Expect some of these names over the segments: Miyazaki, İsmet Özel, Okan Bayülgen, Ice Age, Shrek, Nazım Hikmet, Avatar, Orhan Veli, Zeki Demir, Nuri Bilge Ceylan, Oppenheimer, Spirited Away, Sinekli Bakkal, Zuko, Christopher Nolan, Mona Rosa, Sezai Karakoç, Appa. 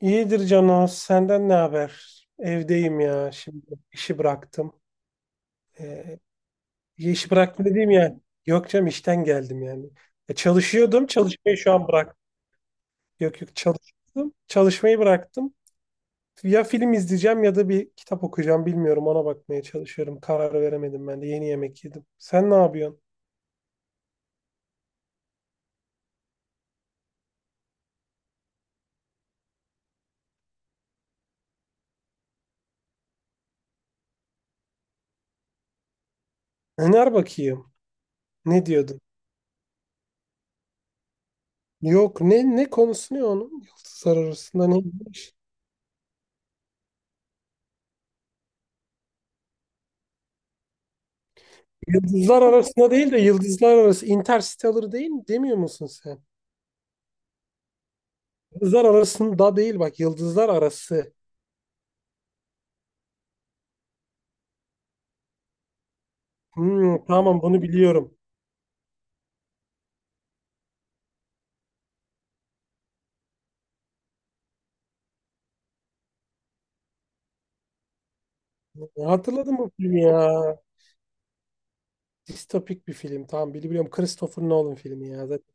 İyidir Cano, senden ne haber? Evdeyim ya, şimdi işi bıraktım. Ee, işi bıraktım dediğim yani. Yok canım işten geldim yani. Çalışıyordum, çalışmayı şu an bıraktım. Yok yok çalışıyordum, çalışmayı bıraktım. Ya film izleyeceğim ya da bir kitap okuyacağım, bilmiyorum, ona bakmaya çalışıyorum. Karar veremedim, ben de yeni yemek yedim. Sen ne yapıyorsun? Öner bakayım. Ne diyordun? Yok, ne konusu ne onun? Yıldızlar arasında neymiş? Yıldızlar arasında değil de yıldızlar arası. Interstellar değil mi? Demiyor musun sen? Yıldızlar arasında değil bak. Yıldızlar arası. Hmm, tamam, bunu biliyorum. Hatırladım bu filmi ya. Distopik bir film. Tamam, biliyorum. Christopher Nolan filmi ya zaten.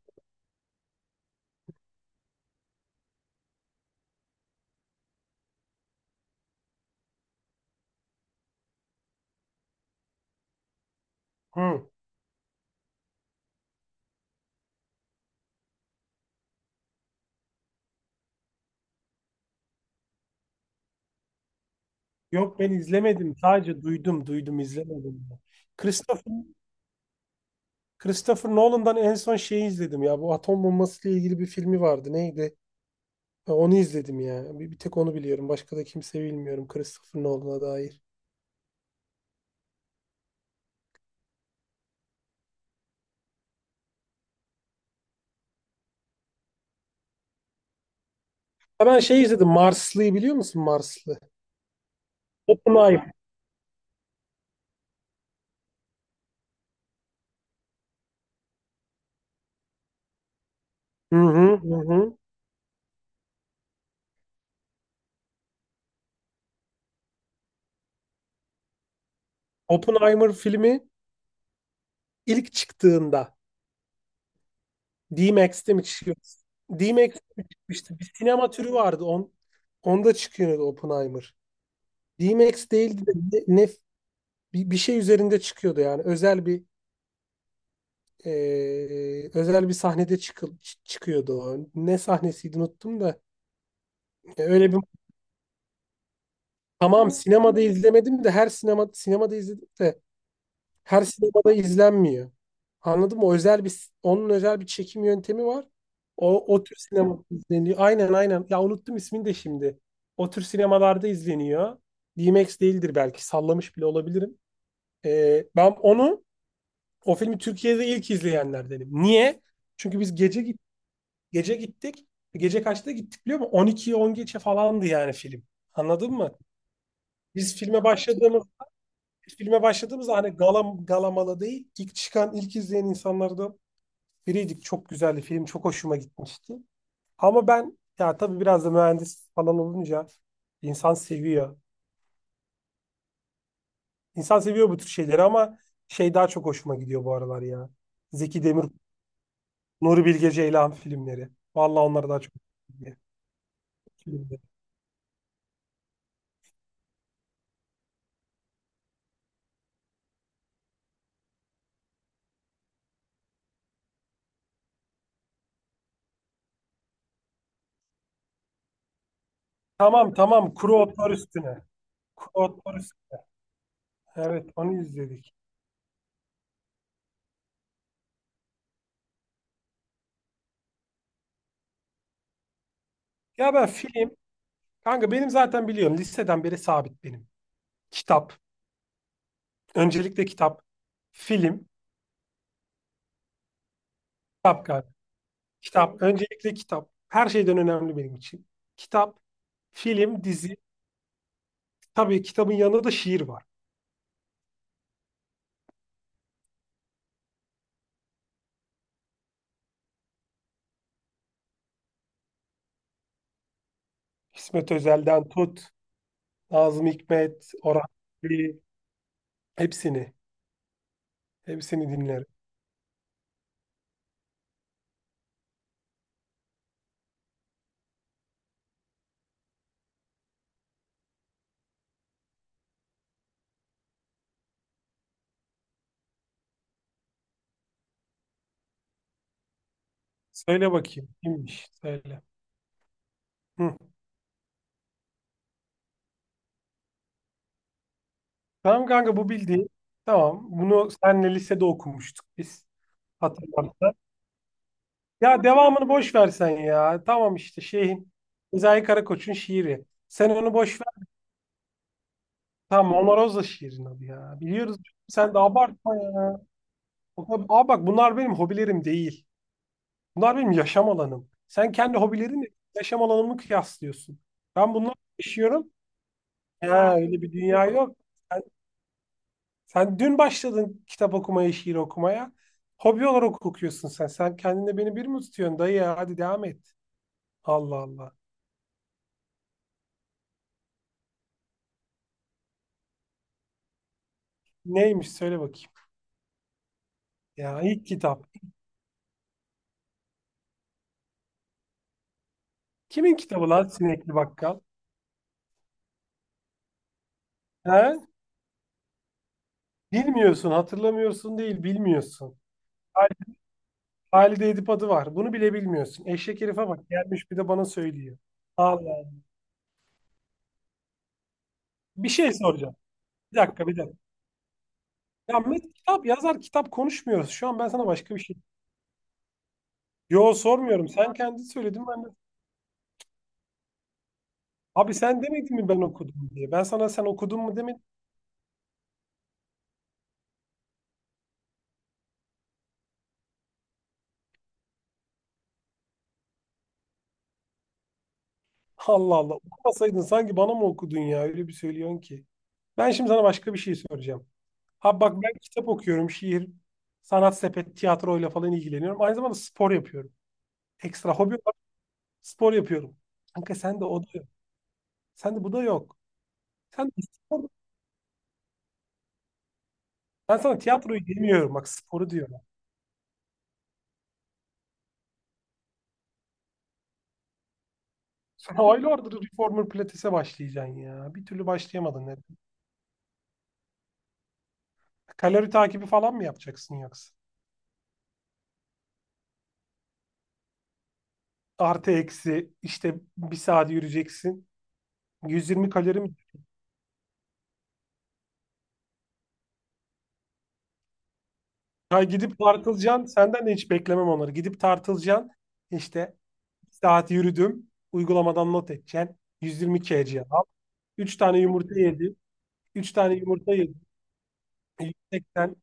Hmm. Yok, ben izlemedim. Sadece duydum. Duydum, izlemedim. Christopher, Christopher Nolan'dan en son şeyi izledim ya. Bu atom bombası ile ilgili bir filmi vardı. Neydi? Ha, onu izledim ya. Bir tek onu biliyorum. Başka da kimse bilmiyorum Christopher Nolan'a dair. Ya ben şey izledim. Marslı'yı biliyor musun, Marslı? Oppenheimer. Hı hı hı, hı. Oppenheimer filmi ilk çıktığında D-Max'te mi çıkıyordu? D-Max'te mi çıkmıştı? Bir sinema türü vardı. Onda çıkıyordu Oppenheimer. D-Max değildi de ne, ne- bir şey üzerinde çıkıyordu yani. Özel bir, özel bir sahnede çıkıyordu o. Ne sahnesiydi unuttum da. Öyle bir, tamam, sinemada izlemedim de her sinema sinemada izledim de her sinemada izlenmiyor. Anladın mı? O özel bir, onun özel bir çekim yöntemi var. O tür sinemada izleniyor. Aynen, aynen. Ya unuttum ismini de şimdi. O tür sinemalarda izleniyor. DMX değildir belki. Sallamış bile olabilirim. Ben onu, o filmi Türkiye'de ilk izleyenlerdenim. Niye? Çünkü biz gece gittik. Gece kaçta gittik biliyor musun? 12'ye 10 geçe falandı yani film. Anladın mı? Biz filme başladığımız filme başladığımızda, hani galam, galamalı değil, ilk çıkan, ilk izleyen insanlardan biriydik. Çok güzeldi film. Çok hoşuma gitmişti. Ama ben, ya tabii biraz da mühendis falan olunca insan seviyor. İnsan seviyor bu tür şeyleri ama şey daha çok hoşuma gidiyor bu aralar ya. Zeki Demir, Nuri Bilge Ceylan filmleri. Vallahi onlar daha çok hoşuma gidiyor. Filmleri. Tamam, tamam. Kuru otlar üstüne. Kuru otlar üstüne. Evet, onu izledik. Ya ben film, kanka, benim zaten, biliyorum, liseden beri sabit benim. Kitap. Öncelikle kitap, film, kitap galiba. Kitap, öncelikle kitap. Her şeyden önemli benim için. Kitap, film, dizi. Tabii kitabın yanında da şiir var. İsmet Özel'den tut, Nazım Hikmet, Orhan Veli, hepsini, hepsini dinlerim. Söyle bakayım, kimmiş? Söyle. Hı. Tamam kanka, bu bildiğin. Tamam, bunu senle lisede okumuştuk biz. Hatırlarsan. Ya devamını boş versen ya. Tamam, işte şeyin, Sezai Karakoç'un şiiri. Sen onu boş, tamam, Mona Rosa şiirin adı ya. Biliyoruz. Sen de abartma ya. O kadar, aa, bak, bunlar benim hobilerim değil. Bunlar benim yaşam alanım. Sen kendi hobilerini yaşam alanımı kıyaslıyorsun. Ben bunları yaşıyorum. Ya öyle bir dünya yok. Sen, sen dün başladın kitap okumaya, şiir okumaya. Hobi olarak okuyorsun sen. Sen kendine beni bir mi tutuyorsun dayı ya? Hadi devam et. Allah Allah. Neymiş, söyle bakayım. Ya, ilk kitap. Kimin kitabı lan Sinekli Bakkal? He? Bilmiyorsun, hatırlamıyorsun değil, bilmiyorsun. Hal- Halide Edip adı var. Bunu bile bilmiyorsun. Eşek herife bak, gelmiş bir de bana söylüyor. Allah. Bir şey soracağım. Bir dakika, bir dakika. Ya Met, kitap yazar kitap konuşmuyoruz. Şu an ben sana başka bir şey. Yo, sormuyorum. Sen kendin söyledin, ben de. Abi sen demedin mi ben okudum diye? Ben sana sen okudun mu demedim? Allah Allah. Okumasaydın sanki bana mı okudun ya? Öyle bir söylüyorsun ki. Ben şimdi sana başka bir şey soracağım. Ha bak, ben kitap okuyorum. Şiir, sanat sepet, tiyatroyla falan ilgileniyorum. Aynı zamanda spor yapıyorum. Ekstra hobi, spor yapıyorum. Kanka, sen de o da yok. Sen de bu da yok. Sen de spor... Ben sana tiyatroyu demiyorum. Bak, sporu diyorum. Sen aylardır reformer pilatese başlayacaksın ya. Bir türlü başlayamadın. Neden? Kalori takibi falan mı yapacaksın yoksa? Artı eksi işte bir saat yürüyeceksin. 120 kalori mi? Ya gidip tartılacaksın. Senden de hiç beklemem onları. Gidip tartılacaksın. İşte, bir saat yürüdüm. Uygulamadan not edeceksin. 120 kcal al. 3 tane yumurta yedim. Üç tane yumurta yedim. 180.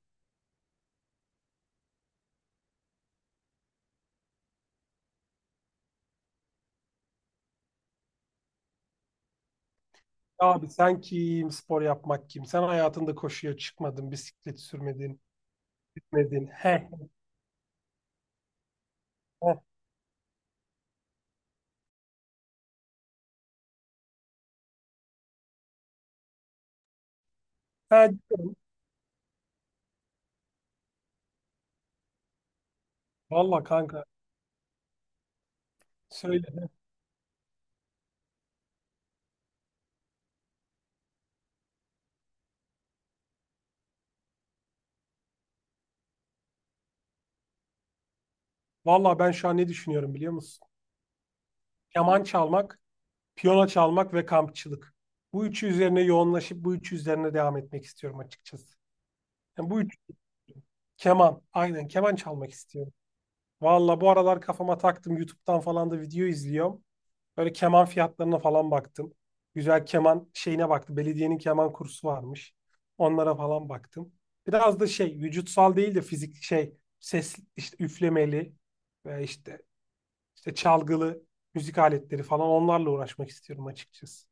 Abi sen kim? Spor yapmak kim? Sen hayatında koşuya çıkmadın, bisiklet sürmedin, gitmedin. He he, he, diyorum. Valla kanka, söyle. Valla ben şu an ne düşünüyorum biliyor musun? Keman çalmak, piyano çalmak ve kampçılık. Bu üçü üzerine yoğunlaşıp bu üçü üzerine devam etmek istiyorum açıkçası. Yani bu üç, keman. Aynen, keman çalmak istiyorum. Valla bu aralar kafama taktım. YouTube'dan falan da video izliyorum. Böyle keman fiyatlarına falan baktım. Güzel keman şeyine baktım. Belediyenin keman kursu varmış. Onlara falan baktım. Biraz da şey, vücutsal değil de fizik, şey, ses, işte üflemeli ve işte çalgılı müzik aletleri falan, onlarla uğraşmak istiyorum açıkçası.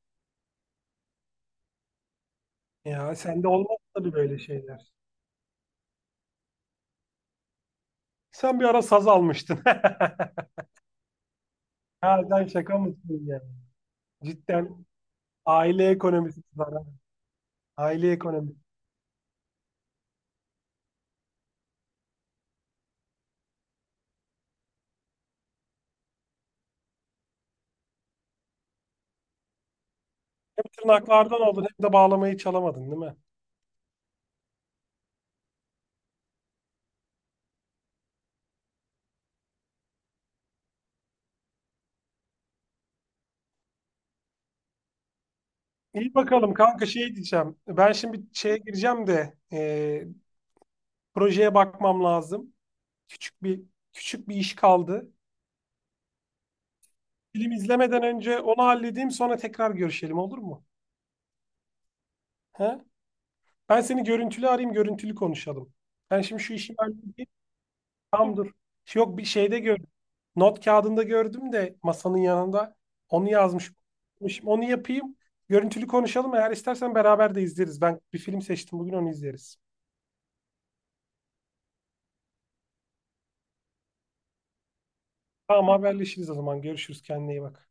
Ya sende olmaz tabii böyle şeyler. Sen bir ara saz almıştın. Ha, sen şaka mısın ya? Cidden aile ekonomisi var ha. Aile ekonomisi. Tırnaklardan oldun. Hem de bağlamayı çalamadın değil mi? İyi bakalım kanka, şey diyeceğim. Ben şimdi şeye gireceğim de, projeye bakmam lazım. Küçük bir küçük bir iş kaldı. Film izlemeden önce onu halledeyim, sonra tekrar görüşelim, olur mu? He? Ben seni görüntülü arayayım, görüntülü konuşalım. Ben şimdi şu işi halledeyim. Tamam, dur. Yok, bir şeyde gördüm. Not kağıdında gördüm de, masanın yanında, onu yazmış. Onu yapayım. Görüntülü konuşalım. Eğer istersen beraber de izleriz. Ben bir film seçtim bugün, onu izleriz. Tamam, haberleşiriz o zaman. Görüşürüz. Kendine iyi bak.